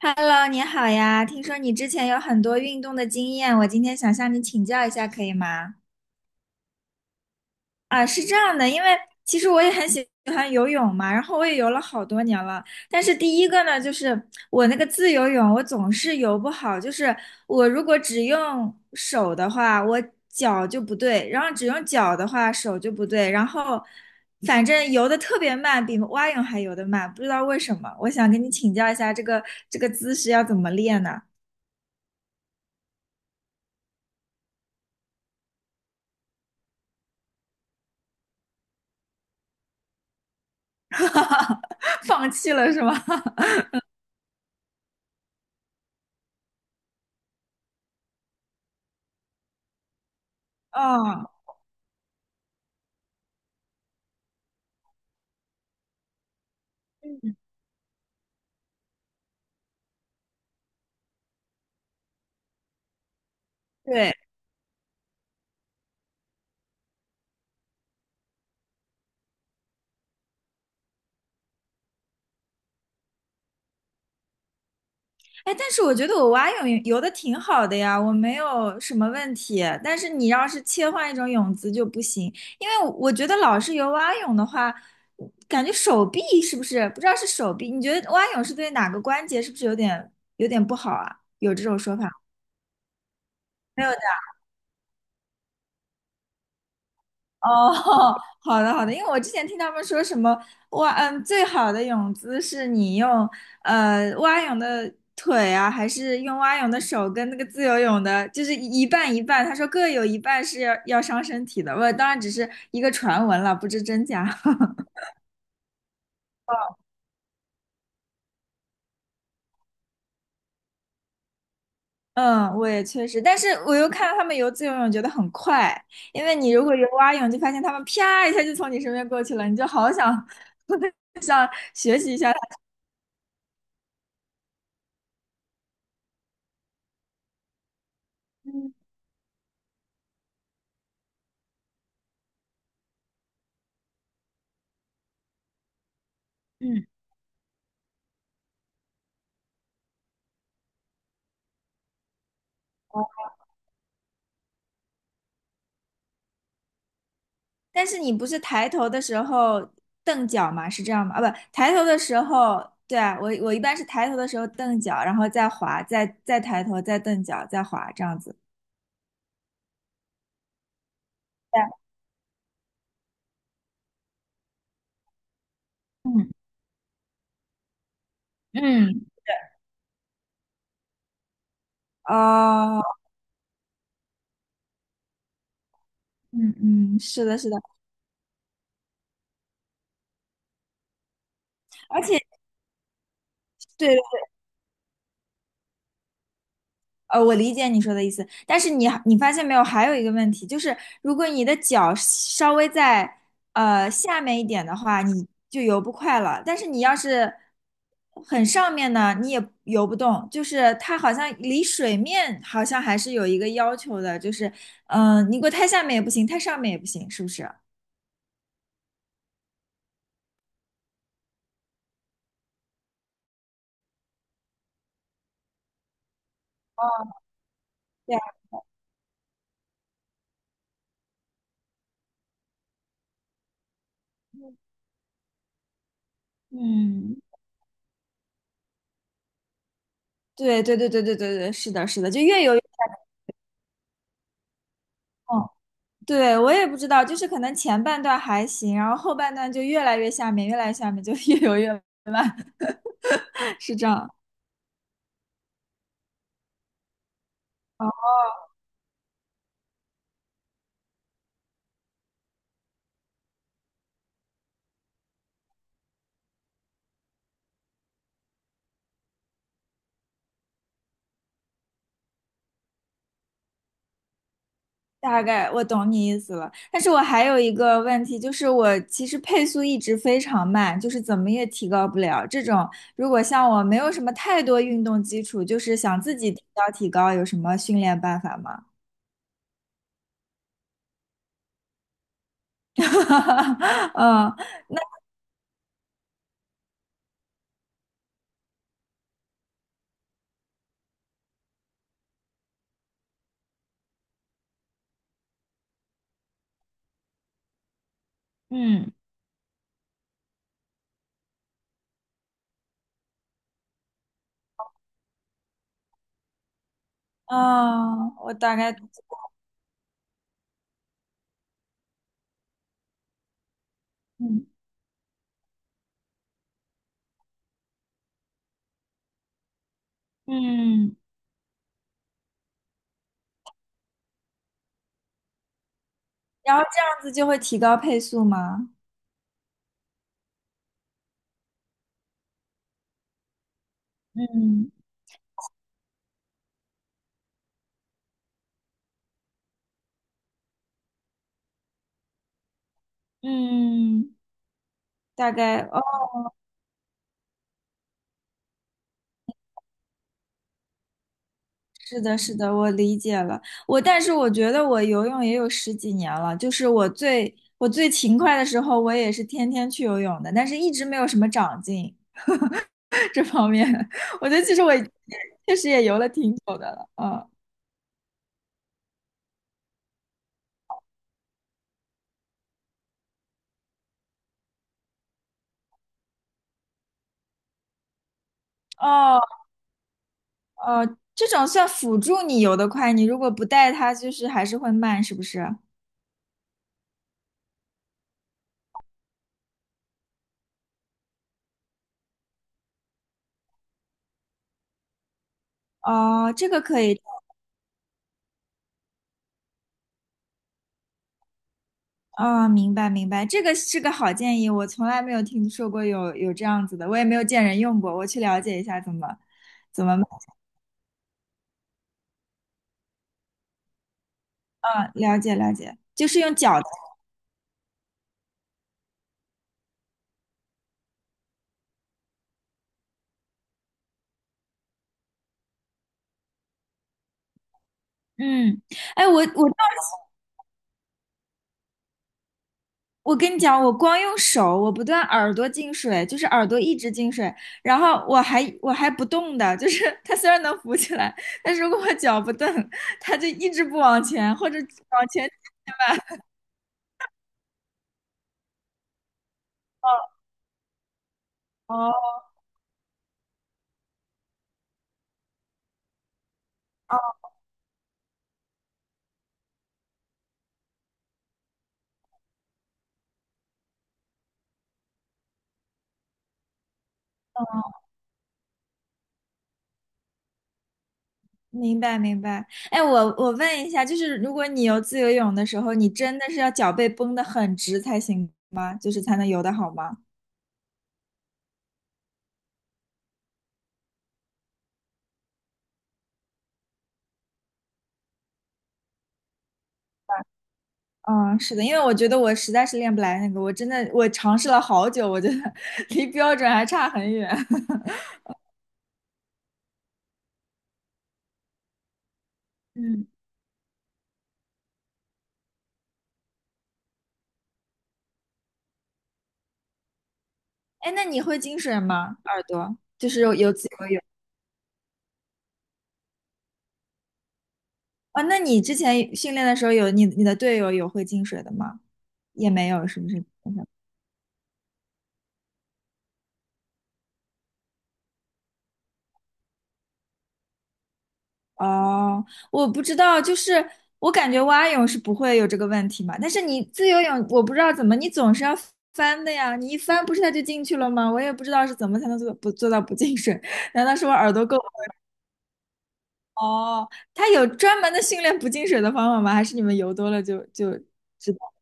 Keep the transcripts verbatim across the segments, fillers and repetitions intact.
Hello，你好呀！听说你之前有很多运动的经验，我今天想向你请教一下，可以吗？啊，是这样的，因为其实我也很喜欢游泳嘛，然后我也游了好多年了。但是第一个呢，就是我那个自由泳，我总是游不好，就是我如果只用手的话，我脚就不对，然后只用脚的话，手就不对，然后反正游的特别慢，比蛙泳还游得慢，不知道为什么。我想跟你请教一下，这个这个姿势要怎么练呢？哈哈，放弃了是吗？嗯，对，哎，但是我觉得我蛙泳游的挺好的呀，我没有什么问题。但是你要是切换一种泳姿就不行，因为我我觉得老是游蛙泳的话，感觉手臂是不是不知道是手臂？你觉得蛙泳是对哪个关节是不是有点有点不好啊？有这种说法？没有哦，好的好的，因为我之前听他们说什么蛙，嗯，最好的泳姿是你用呃蛙泳的腿啊，还是用蛙泳的手跟那个自由泳的，就是一半一半。他说各有一半是要要伤身体的，我当然只是一个传闻了，不知真假。嗯，我也确实，但是我又看到他们游自由泳，觉得很快，因为你如果游蛙泳，就发现他们啪一下就从你身边过去了，你就好想 想学习一下他。嗯嗯，但是你不是抬头的时候蹬脚吗？是这样吗？啊，不，抬头的时候，对啊，我我一般是抬头的时候蹬脚，然后再滑，再再抬头，再蹬脚，再滑，这样子。对，嗯嗯，哦，嗯嗯，是的，是的，而且对呃，我理解你说的意思，但是你你发现没有，还有一个问题，就是如果你的脚稍微在呃下面一点的话，你就游不快了。但是你要是很上面呢，你也游不动，就是它好像离水面好像还是有一个要求的，就是嗯、呃你给我太下面也不行，太上面也不行，是不是？对啊，嗯，对对对对对对对，是的，是的，就越游越痛。对，我也不知道，就是可能前半段还行，然后后半段就越来越下面，越来越下面，就越游越慢，是这样。哦，大概我懂你意思了。但是我还有一个问题，就是我其实配速一直非常慢，就是怎么也提高不了。这种如果像我没有什么太多运动基础，就是想自己提高提高，有什么训练办法吗？嗯嗯嗯，我大概嗯嗯，然后这样子就会提高配速吗？嗯嗯，大概哦，是的，是的，我理解了。我但是我觉得我游泳也有十几年了，就是我最我最勤快的时候，我也是天天去游泳的，但是一直没有什么长进 这方面。我觉得其实我也确实也游了挺久的了，嗯哦哦，这种算辅助你游得快，你如果不带它，就是还是会慢，是不是？哦，这个可以。哦，明白明白，这个是个好建议，我从来没有听说过有有这样子的，我也没有见人用过，我去了解一下怎么怎么，啊，了解了解，就是用脚的，嗯，哎，我我我跟你讲，我光用手，我不断耳朵进水，就是耳朵一直进水，然后我还我还不动的，就是 它虽然能浮起来，但是如果我脚不动，它就一直不往前，或者往前，哦明白明白。哎，我我问一下，就是如果你游自由泳的时候，你真的是要脚背绷得很直才行吗？就是才能游得好吗？嗯，是的，因为我觉得我实在是练不来那个，我真的我尝试了好久，我觉得 离标准还差很远。嗯，哎，那你会进水吗？耳朵就是有有自由泳啊？那你之前训练的时候有你你的队友有会进水的吗？也没有，是不是？哦，我不知道，就是我感觉蛙泳是不会有这个问题嘛，但是你自由泳，我不知道怎么，你总是要翻的呀，你一翻不是它就进去了吗？我也不知道是怎么才能做不做到不进水，难道是我耳朵够？哦，它有专门的训练不进水的方法吗？还是你们游多了就就知道？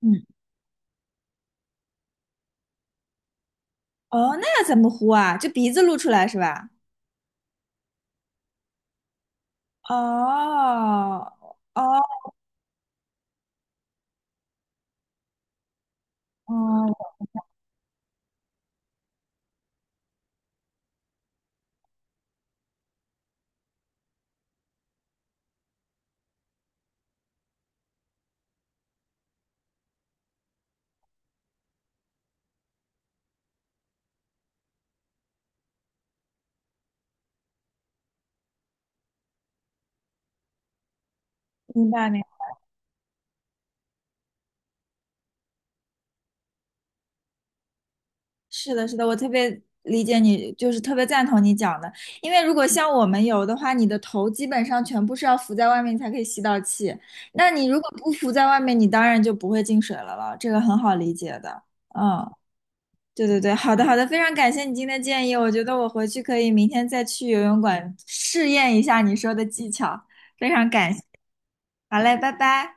嗯，哦，那要怎么呼啊？就鼻子露出来是吧？哦，哦，哦，明白明白。是的，是的，我特别理解你，就是特别赞同你讲的。因为如果像我们游的话，你的头基本上全部是要浮在外面你才可以吸到气。那你如果不浮在外面，你当然就不会进水了了。这个很好理解的。嗯，对对对，好的好的，非常感谢你今天的建议，我觉得我回去可以明天再去游泳馆试验一下你说的技巧。非常感谢，好嘞，拜拜。